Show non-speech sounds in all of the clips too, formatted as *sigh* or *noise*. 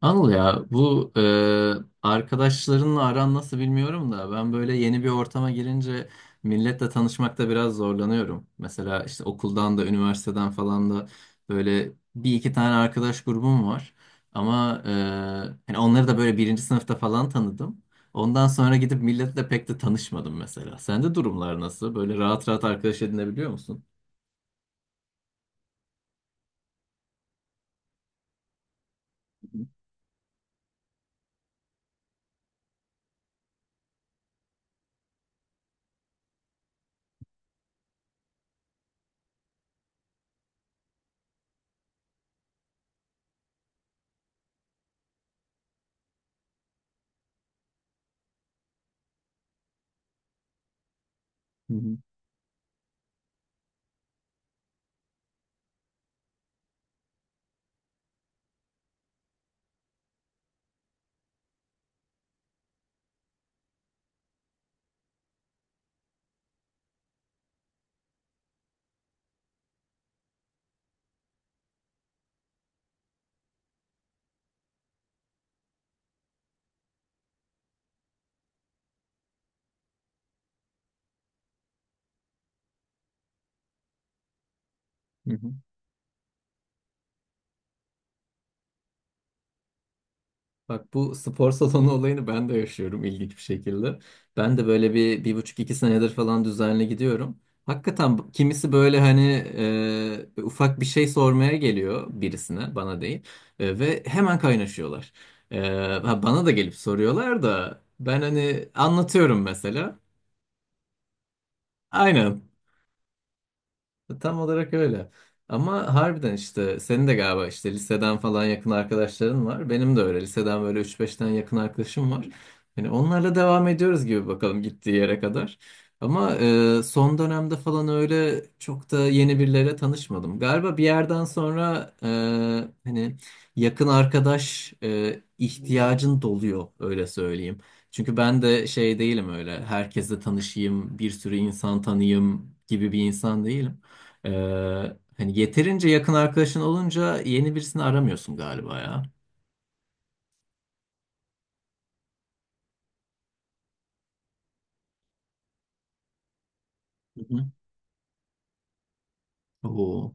Anıl ya, bu arkadaşlarınla aran nasıl bilmiyorum da ben böyle yeni bir ortama girince milletle tanışmakta biraz zorlanıyorum. Mesela işte okuldan da, üniversiteden falan da böyle bir iki tane arkadaş grubum var. Ama hani onları da böyle birinci sınıfta falan tanıdım. Ondan sonra gidip milletle pek de tanışmadım mesela. Sende durumlar nasıl? Böyle rahat rahat arkadaş edinebiliyor musun? Hı hı, hı hı. Bak, bu spor salonu olayını ben de yaşıyorum ilginç bir şekilde. Ben de böyle bir, bir buçuk iki senedir falan düzenli gidiyorum. Hakikaten kimisi böyle hani ufak bir şey sormaya geliyor birisine, bana değil. Ve hemen kaynaşıyorlar. E, ha, bana da gelip soruyorlar da ben hani anlatıyorum mesela. Aynen. Tam olarak öyle. Ama harbiden işte senin de galiba işte liseden falan yakın arkadaşların var. Benim de öyle. Liseden böyle üç 5 tane yakın arkadaşım var. Hani onlarla devam ediyoruz gibi bakalım gittiği yere kadar. Ama son dönemde falan öyle çok da yeni birilere tanışmadım. Galiba bir yerden sonra hani yakın arkadaş ihtiyacın doluyor, öyle söyleyeyim. Çünkü ben de şey değilim, öyle herkesle tanışayım, bir sürü insan tanıyayım gibi bir insan değilim. Ee, Hani yeterince yakın arkadaşın olunca yeni birisini aramıyorsun galiba ya. Hı hı. Oo.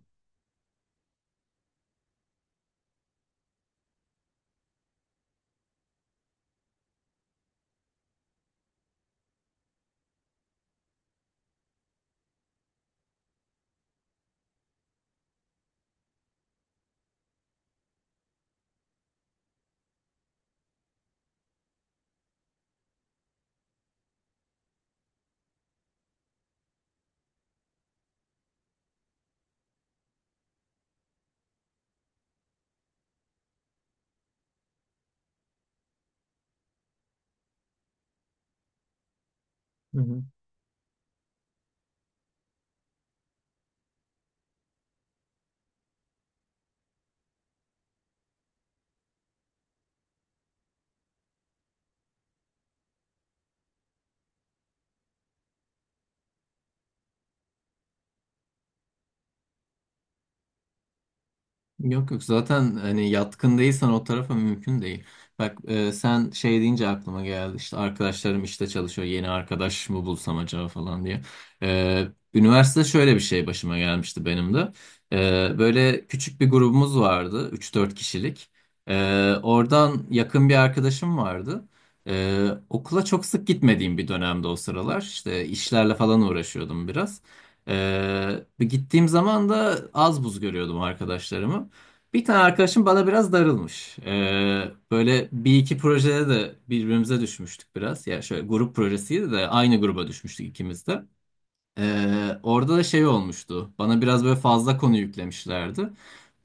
Hı hı. Yok yok, zaten hani yatkın değilsen o tarafa mümkün değil. Bak, sen şey deyince aklıma geldi işte arkadaşlarım işte çalışıyor, yeni arkadaş mı bulsam acaba falan diye. E, Üniversitede şöyle bir şey başıma gelmişti benim de. Böyle küçük bir grubumuz vardı, üç dört kişilik. E, Oradan yakın bir arkadaşım vardı. Okula çok sık gitmediğim bir dönemde o sıralar işte işlerle falan uğraşıyordum biraz. Bir gittiğim zaman da az buz görüyordum arkadaşlarımı. Bir tane arkadaşım bana biraz darılmış. Böyle bir iki projede de birbirimize düşmüştük biraz. Ya şöyle grup projesiydi de aynı gruba düşmüştük ikimiz de. Orada da şey olmuştu. Bana biraz böyle fazla konu yüklemişlerdi.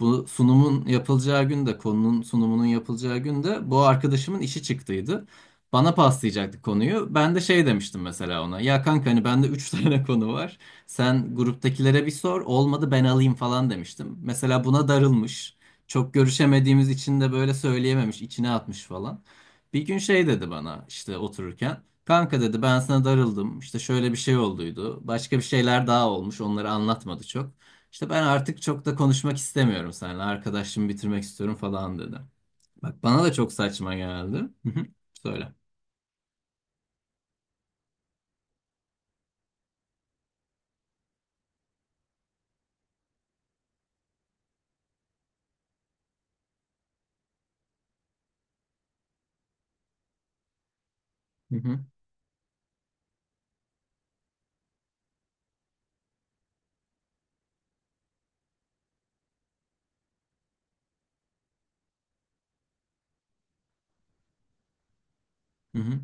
Bu sunumun yapılacağı gün de, konunun sunumunun yapılacağı gün de, bu arkadaşımın işi çıktıydı. Bana paslayacaktı konuyu. Ben de şey demiştim mesela ona. Ya kanka hani bende 3 *laughs* tane konu var. Sen gruptakilere bir sor. Olmadı ben alayım falan demiştim. Mesela buna darılmış. Çok görüşemediğimiz için de böyle söyleyememiş, içine atmış falan. Bir gün şey dedi bana işte otururken. Kanka dedi, ben sana darıldım. İşte şöyle bir şey olduydu. Başka bir şeyler daha olmuş. Onları anlatmadı çok. İşte ben artık çok da konuşmak istemiyorum seninle. Arkadaşlığımı bitirmek istiyorum falan dedi. Bak bana da çok saçma geldi. Hı hı. Söyle. Hı hı. Hı hı.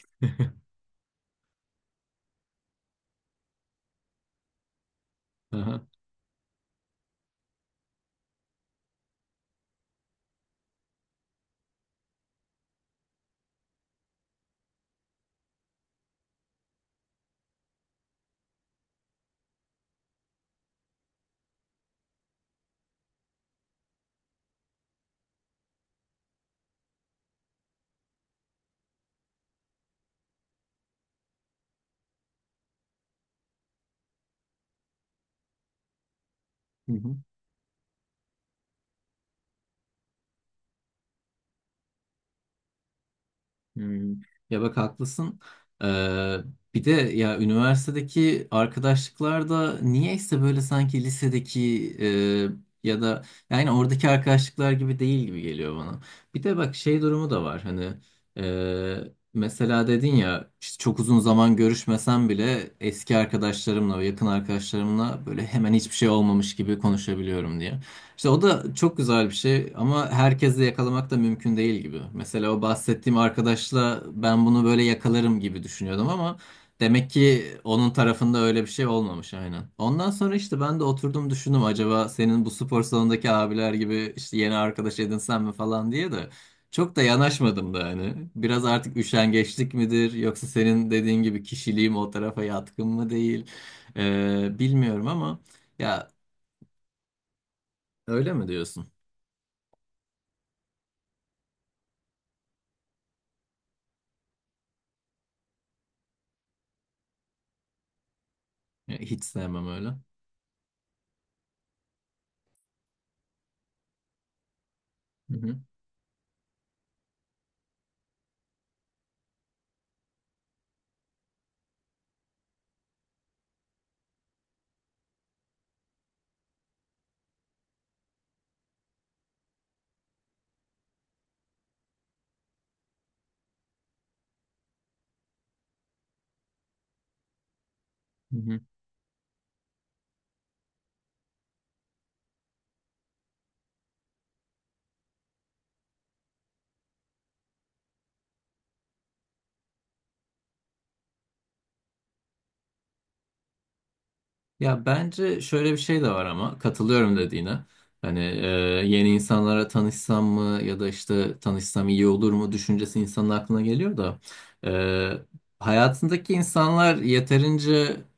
*laughs* Aha. Hmm. Ya bak, haklısın. Ee, Bir de ya üniversitedeki arkadaşlıklar da niyeyse böyle sanki lisedeki ya da yani oradaki arkadaşlıklar gibi değil gibi geliyor bana. Bir de bak şey durumu da var hani e, mesela dedin ya işte çok uzun zaman görüşmesem bile eski arkadaşlarımla ve yakın arkadaşlarımla böyle hemen hiçbir şey olmamış gibi konuşabiliyorum diye. İşte o da çok güzel bir şey ama herkesle yakalamak da mümkün değil gibi. Mesela o bahsettiğim arkadaşla ben bunu böyle yakalarım gibi düşünüyordum ama demek ki onun tarafında öyle bir şey olmamış, aynen. Ondan sonra işte ben de oturdum düşündüm, acaba senin bu spor salonundaki abiler gibi işte yeni arkadaş edinsem mi falan diye de çok da yanaşmadım da yani. Biraz artık üşengeçlik midir yoksa senin dediğin gibi kişiliğim o tarafa yatkın mı değil? Bilmiyorum ama ya, öyle mi diyorsun? Ya, hiç sevmem öyle. Hı hı, hı hı. Ya bence şöyle bir şey de var ama katılıyorum dediğine. Hani yeni insanlara tanışsam mı ya da işte tanışsam iyi olur mu düşüncesi insanın aklına geliyor da e, hayatındaki insanlar yeterince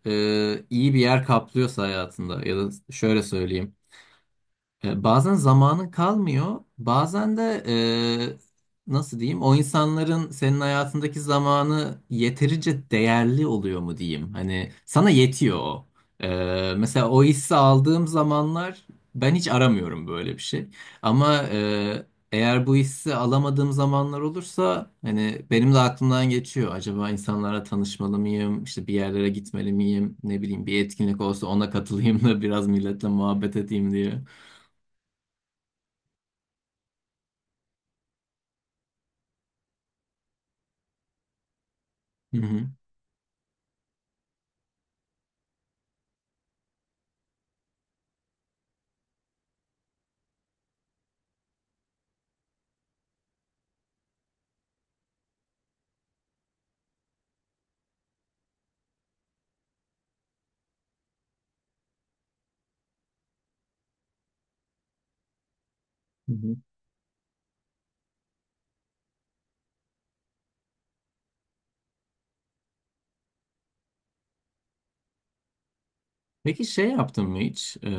iyi bir yer kaplıyorsa hayatında, ya da şöyle söyleyeyim. Bazen zamanın kalmıyor, bazen de nasıl diyeyim, o insanların senin hayatındaki zamanı yeterince değerli oluyor mu diyeyim. Hani sana yetiyor o. E, Mesela o hissi aldığım zamanlar ben hiç aramıyorum böyle bir şey. Ama eğer bu hissi alamadığım zamanlar olursa hani benim de aklımdan geçiyor. Acaba insanlara tanışmalı mıyım, işte bir yerlere gitmeli miyim, ne bileyim bir etkinlik olsa ona katılayım da *laughs* biraz milletle muhabbet edeyim diye. Hı hı, hı hı. Peki şey yaptın mı hiç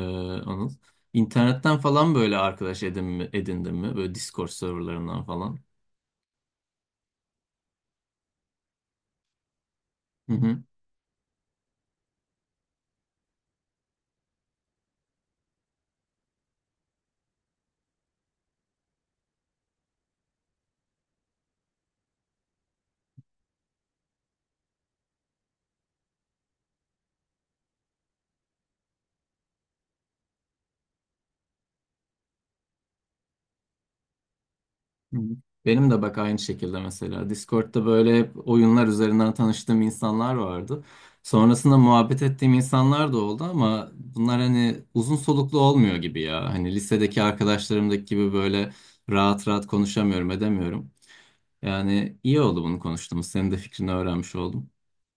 Anıl? İnternetten falan böyle arkadaş edin mi, edindin mi? Böyle Discord serverlarından falan. Hı hı, hı hı. Benim de bak aynı şekilde mesela Discord'da böyle hep oyunlar üzerinden tanıştığım insanlar vardı. Sonrasında muhabbet ettiğim insanlar da oldu ama bunlar hani uzun soluklu olmuyor gibi ya. Hani lisedeki arkadaşlarımdaki gibi böyle rahat rahat konuşamıyorum, edemiyorum. Yani iyi oldu bunu konuştuğumuz. Senin de fikrini öğrenmiş oldum.